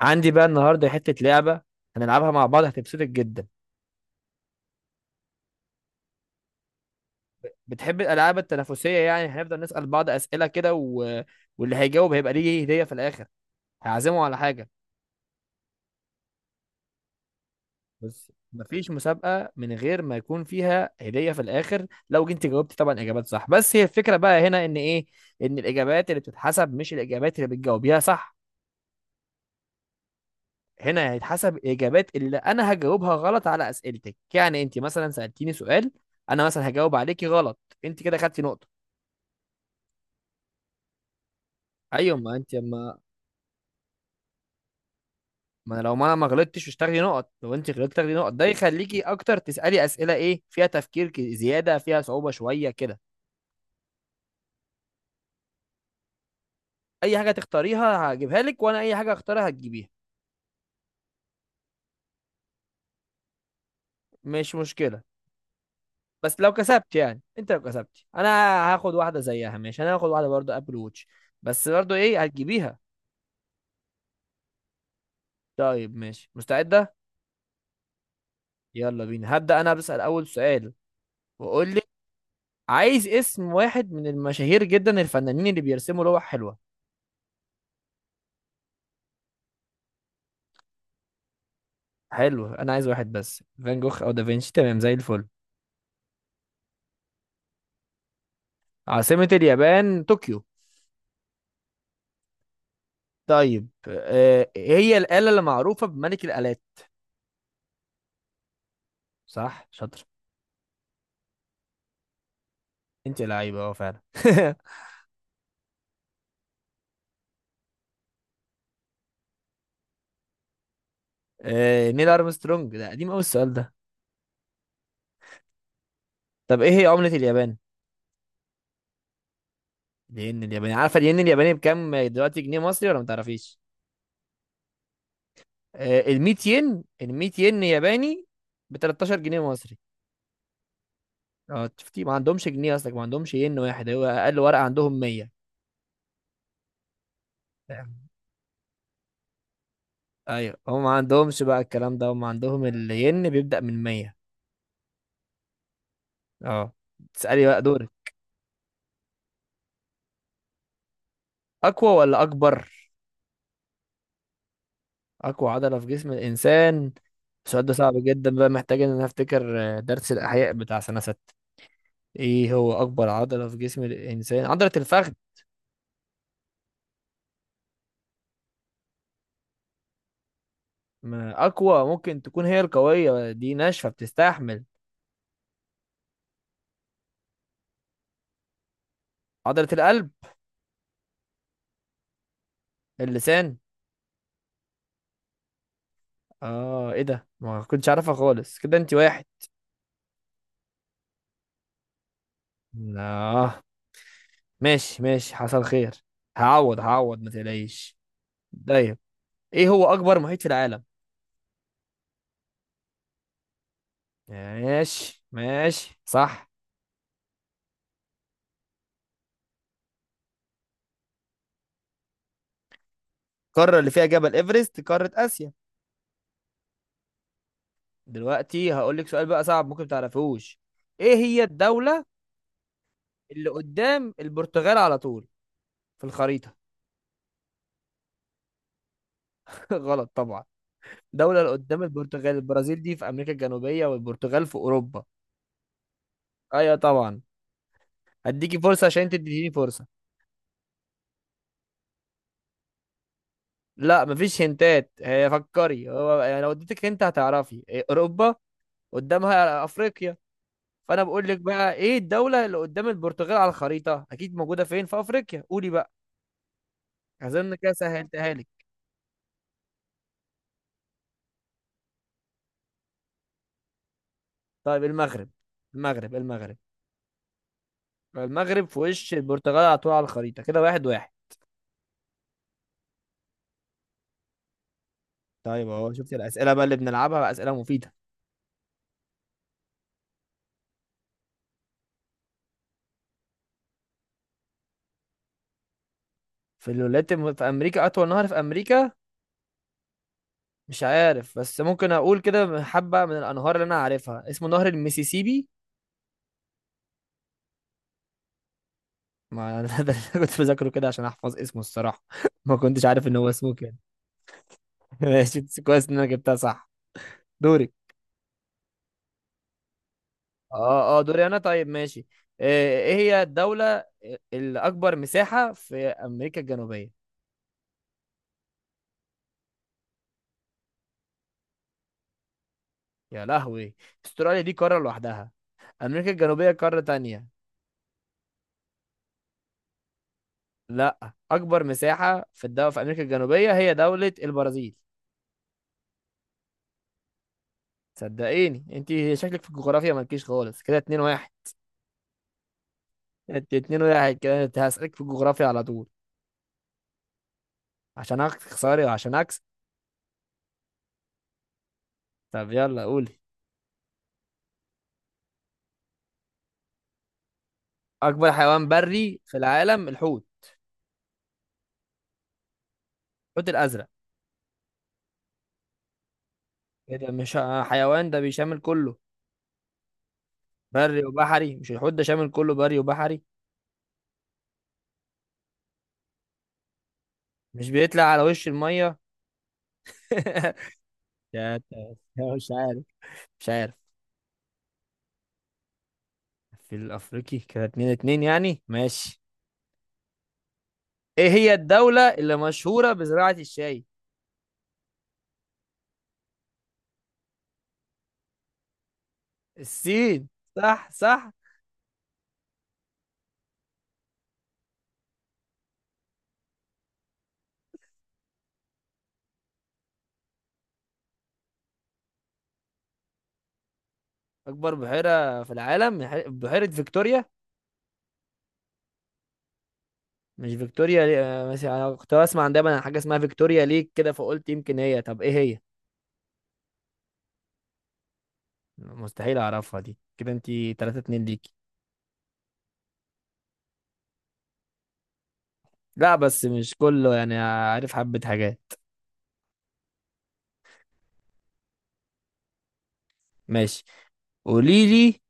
عندي بقى النهارده حتة لعبة هنلعبها مع بعض هتبسطك جدا. بتحب الألعاب التنافسية؟ يعني هنفضل نسأل بعض أسئلة كده واللي هيجاوب هيبقى ليه هدية في الآخر، هعزمه على حاجة. بس مفيش مسابقة من غير ما يكون فيها هدية في الآخر. لو جيت جاوبت طبعا إجابات صح، بس هي الفكرة بقى هنا إن إيه؟ إن الإجابات اللي بتتحسب مش الإجابات اللي بتجاوبيها صح. هنا هيتحسب الإجابات اللي أنا هجاوبها غلط على أسئلتك. يعني أنت مثلا سألتيني سؤال، أنا مثلا هجاوب عليكي غلط، أنت كده خدتي نقطة. ايوه، ما انت ما, ما لو ما انا ما غلطتش مش تاخدي نقط، لو انت غلطت تاخدي نقط. ده يخليكي اكتر تسالي اسئله ايه فيها تفكير زياده، فيها صعوبه شويه كده. اي حاجه تختاريها هجيبها لك، وانا اي حاجه اختارها هتجيبيها. مش مشكله، بس لو كسبت يعني، انت لو كسبت انا هاخد واحده زيها. ماشي، انا هاخد واحده برضه ابل ووتش، بس برضه ايه هتجيبيها. طيب ماشي، مستعده؟ يلا بينا، هبدا انا بسال اول سؤال واقول لك: عايز اسم واحد من المشاهير جدا الفنانين اللي بيرسموا لوح حلوه. حلو، انا عايز واحد بس، فان جوخ او دافنشي تمام زي الفل. عاصمة اليابان طوكيو. طيب آه، إيه هي الآلة اللي معروفة بملك الآلات؟ صح شاطر. انت لعيبة اه فعلا. آه، نيل ارمسترونج، ده قديم قوي السؤال ده. طب ايه هي عملة اليابان؟ الين الياباني. عارفة الين الياباني بكام دلوقتي جنيه مصري ولا ما تعرفيش؟ آه، ال 100 ين، ال 100 ين ياباني ب 13 جنيه مصري. اه شفتي، ما عندهمش جنيه، اصلك ما عندهمش ين واحد، هو اقل ورقة عندهم 100. ايوه، هم ما عندهمش بقى الكلام ده، هم عندهم الين بيبدأ من 100. اه. تسألي بقى، دورك. اقوى ولا اكبر؟ اقوى عضلة في جسم الانسان، السؤال ده صعب جدا بقى، محتاج ان انا افتكر درس الاحياء بتاع سنة ستة. ايه هو اكبر عضلة في جسم الانسان؟ عضلة الفخذ. ما اقوى ممكن تكون هي القوية دي، ناشفة بتستحمل. عضلة القلب. اللسان. اه ايه ده، ما كنتش عارفها خالص. كده انت واحد. لا. ماشي ماشي، حصل خير، هعوض هعوض ما تقلقيش. طيب، ايه هو اكبر محيط في العالم؟ ماشي ماشي، صح. القارة اللي فيها جبل ايفرست قارة اسيا. دلوقتي هقول لك سؤال بقى صعب، ممكن تعرفوش. ايه هي الدولة اللي قدام البرتغال على طول في الخريطة؟ غلط طبعا، دولة اللي قدام البرتغال البرازيل؟ دي في امريكا الجنوبية، والبرتغال في اوروبا. ايوه طبعا. هديكي فرصة عشان تديني فرصة. لا مفيش هنتات، هي فكري هو. يعني لو اديتك هنت هتعرفي إيه، اوروبا قدامها افريقيا. فانا بقول لك بقى، ايه الدوله اللي قدام البرتغال على الخريطه، اكيد موجوده فين؟ في افريقيا، قولي بقى. اظن كده سهلتها لك. طيب المغرب. المغرب المغرب. المغرب في وش البرتغال على طول على الخريطه كده، واحد واحد. طيب اهو شفتي الاسئله بقى اللي بنلعبها، بقى اسئله مفيده. في الولايات في امريكا، اطول نهر في امريكا مش عارف، بس ممكن اقول كده حبه من الانهار اللي انا عارفها اسمه نهر المسيسيبي. ما ده اللي أنا كنت بذاكره كده عشان احفظ اسمه الصراحه. ما كنتش عارف ان هو اسمه كده. ماشي، بس كويس ان انا جبتها صح. دوري. اه اه دوري انا. طيب ماشي، ايه هي الدوله الاكبر مساحه في امريكا الجنوبيه؟ يا لهوي، استراليا دي قاره لوحدها، امريكا الجنوبيه قاره تانية. لا، اكبر مساحه في الدولة في امريكا الجنوبيه هي دوله البرازيل. صدقيني انت شكلك في الجغرافيا مالكيش خالص. كده اتنين واحد. انت اتنين واحد، كده هسألك في الجغرافيا على طول عشان اخسري، وعشان اكسب. طب يلا قولي. اكبر حيوان بري في العالم الحوت، الحوت الازرق. ايه ده، مش ه- حيوان ده بيشامل كله، بري وبحري. مش الحوت ده شامل كله بري وبحري؟ مش بيطلع على وش الميه؟ يا ت- مش عارف، مش عارف. في الافريقي كده، اتنين اتنين يعني، ماشي. ايه هي الدولة اللي مشهورة بزراعة الشاي؟ الصين. صح صح. اكبر بحيرة في العالم بحيرة فيكتوريا. مش فيكتوريا؟ لي... آه، مثلا انا كنت بسمع عن دايما عن حاجه اسمها فيكتوريا ليك كده، فقلت يمكن هي. طب ايه هي؟ مستحيل اعرفها دي، كده انتي 3 2 ليكي. لا بس مش كله، يعني عارف حبه حاجات. ماشي، قولي لي.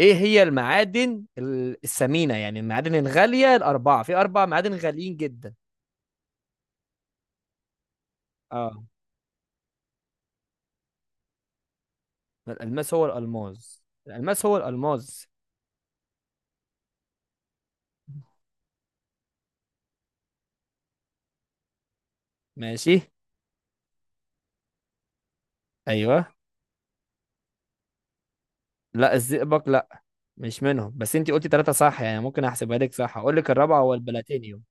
ايه هي المعادن الثمينه، يعني المعادن الغاليه الاربعه؟ في اربع معادن غاليين جدا. اه الالماس هو الالماس، الالماس هو الالماس. ماشي. ايوه. لا الزئبق لا، مش منهم، بس انتي قلتي ثلاثه صح يعني، ممكن احسبها لك صح. اقول لك الرابعه، هو البلاتينيوم.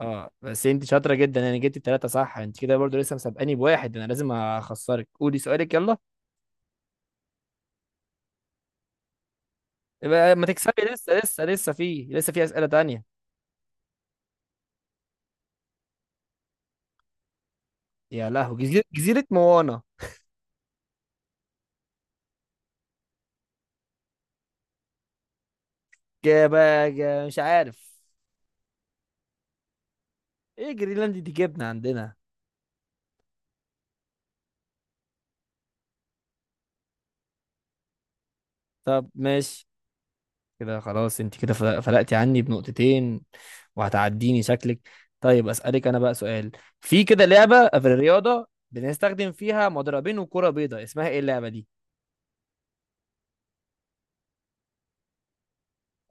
اه، بس انت شاطره جدا يعني، جبتي التلاته صح. انت كده برضو لسه مسابقاني بواحد، انا لازم اخسرك. قولي سؤالك يلا. يبقى ما تكسبي لسه لسه، في في اسئله تانية. يا لهو، جزيره موانا. مش عارف. ايه جرينلاند دي، جبنه عندنا؟ طب ماشي. كده خلاص، انت كده فلقتي عني بنقطتين، وهتعديني شكلك. طيب اسالك انا بقى سؤال. في كده لعبه في الرياضه بنستخدم فيها مضربين وكره بيضاء، اسمها ايه اللعبه دي؟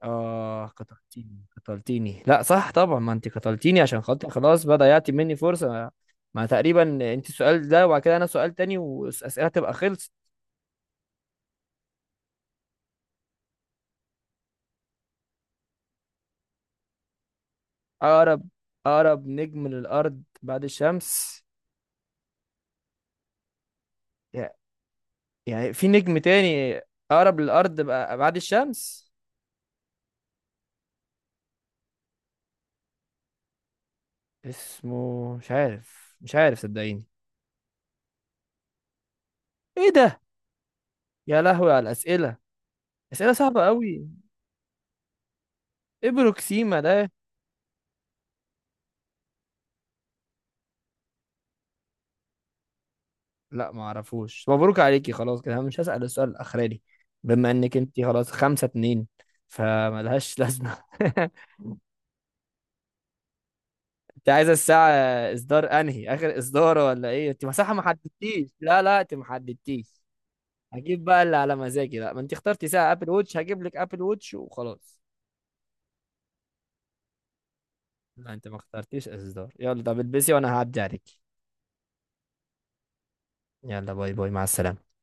آه قتلتيني قتلتيني، لا صح طبعا، ما انت قتلتيني عشان خاطر، خلاص بقى ضيعتي مني فرصة. ما تقريبا انت السؤال ده، وبعد كده انا سؤال تاني، والأسئلة تبقى خلصت. أقرب أقرب نجم للأرض بعد الشمس؟ يع- يعني في نجم تاني أقرب للأرض بقى بعد الشمس؟ اسمه مش عارف، مش عارف صدقيني. ايه ده، يا لهوي على الأسئلة، أسئلة صعبة قوي. ايه بروكسيما ده؟ لا ما اعرفوش، مبروك عليكي خلاص. كده أنا مش هسأل السؤال الاخراني، بما انك انت خلاص خمسة اتنين، فملهاش لازمة. انت عايزة الساعة اصدار انهي؟ اخر اصدار ولا ايه؟ انت مساحة ما حددتيش، لا انت ما حددتيش، هجيب بقى اللي على مزاجي. لا ما انت اخترتي ساعة ابل ووتش، هجيب لك ابل ووتش وخلاص. لا انت ما اخترتيش اصدار. يلا طب البسي وانا هعدي عليك. يلا باي باي، مع السلامة.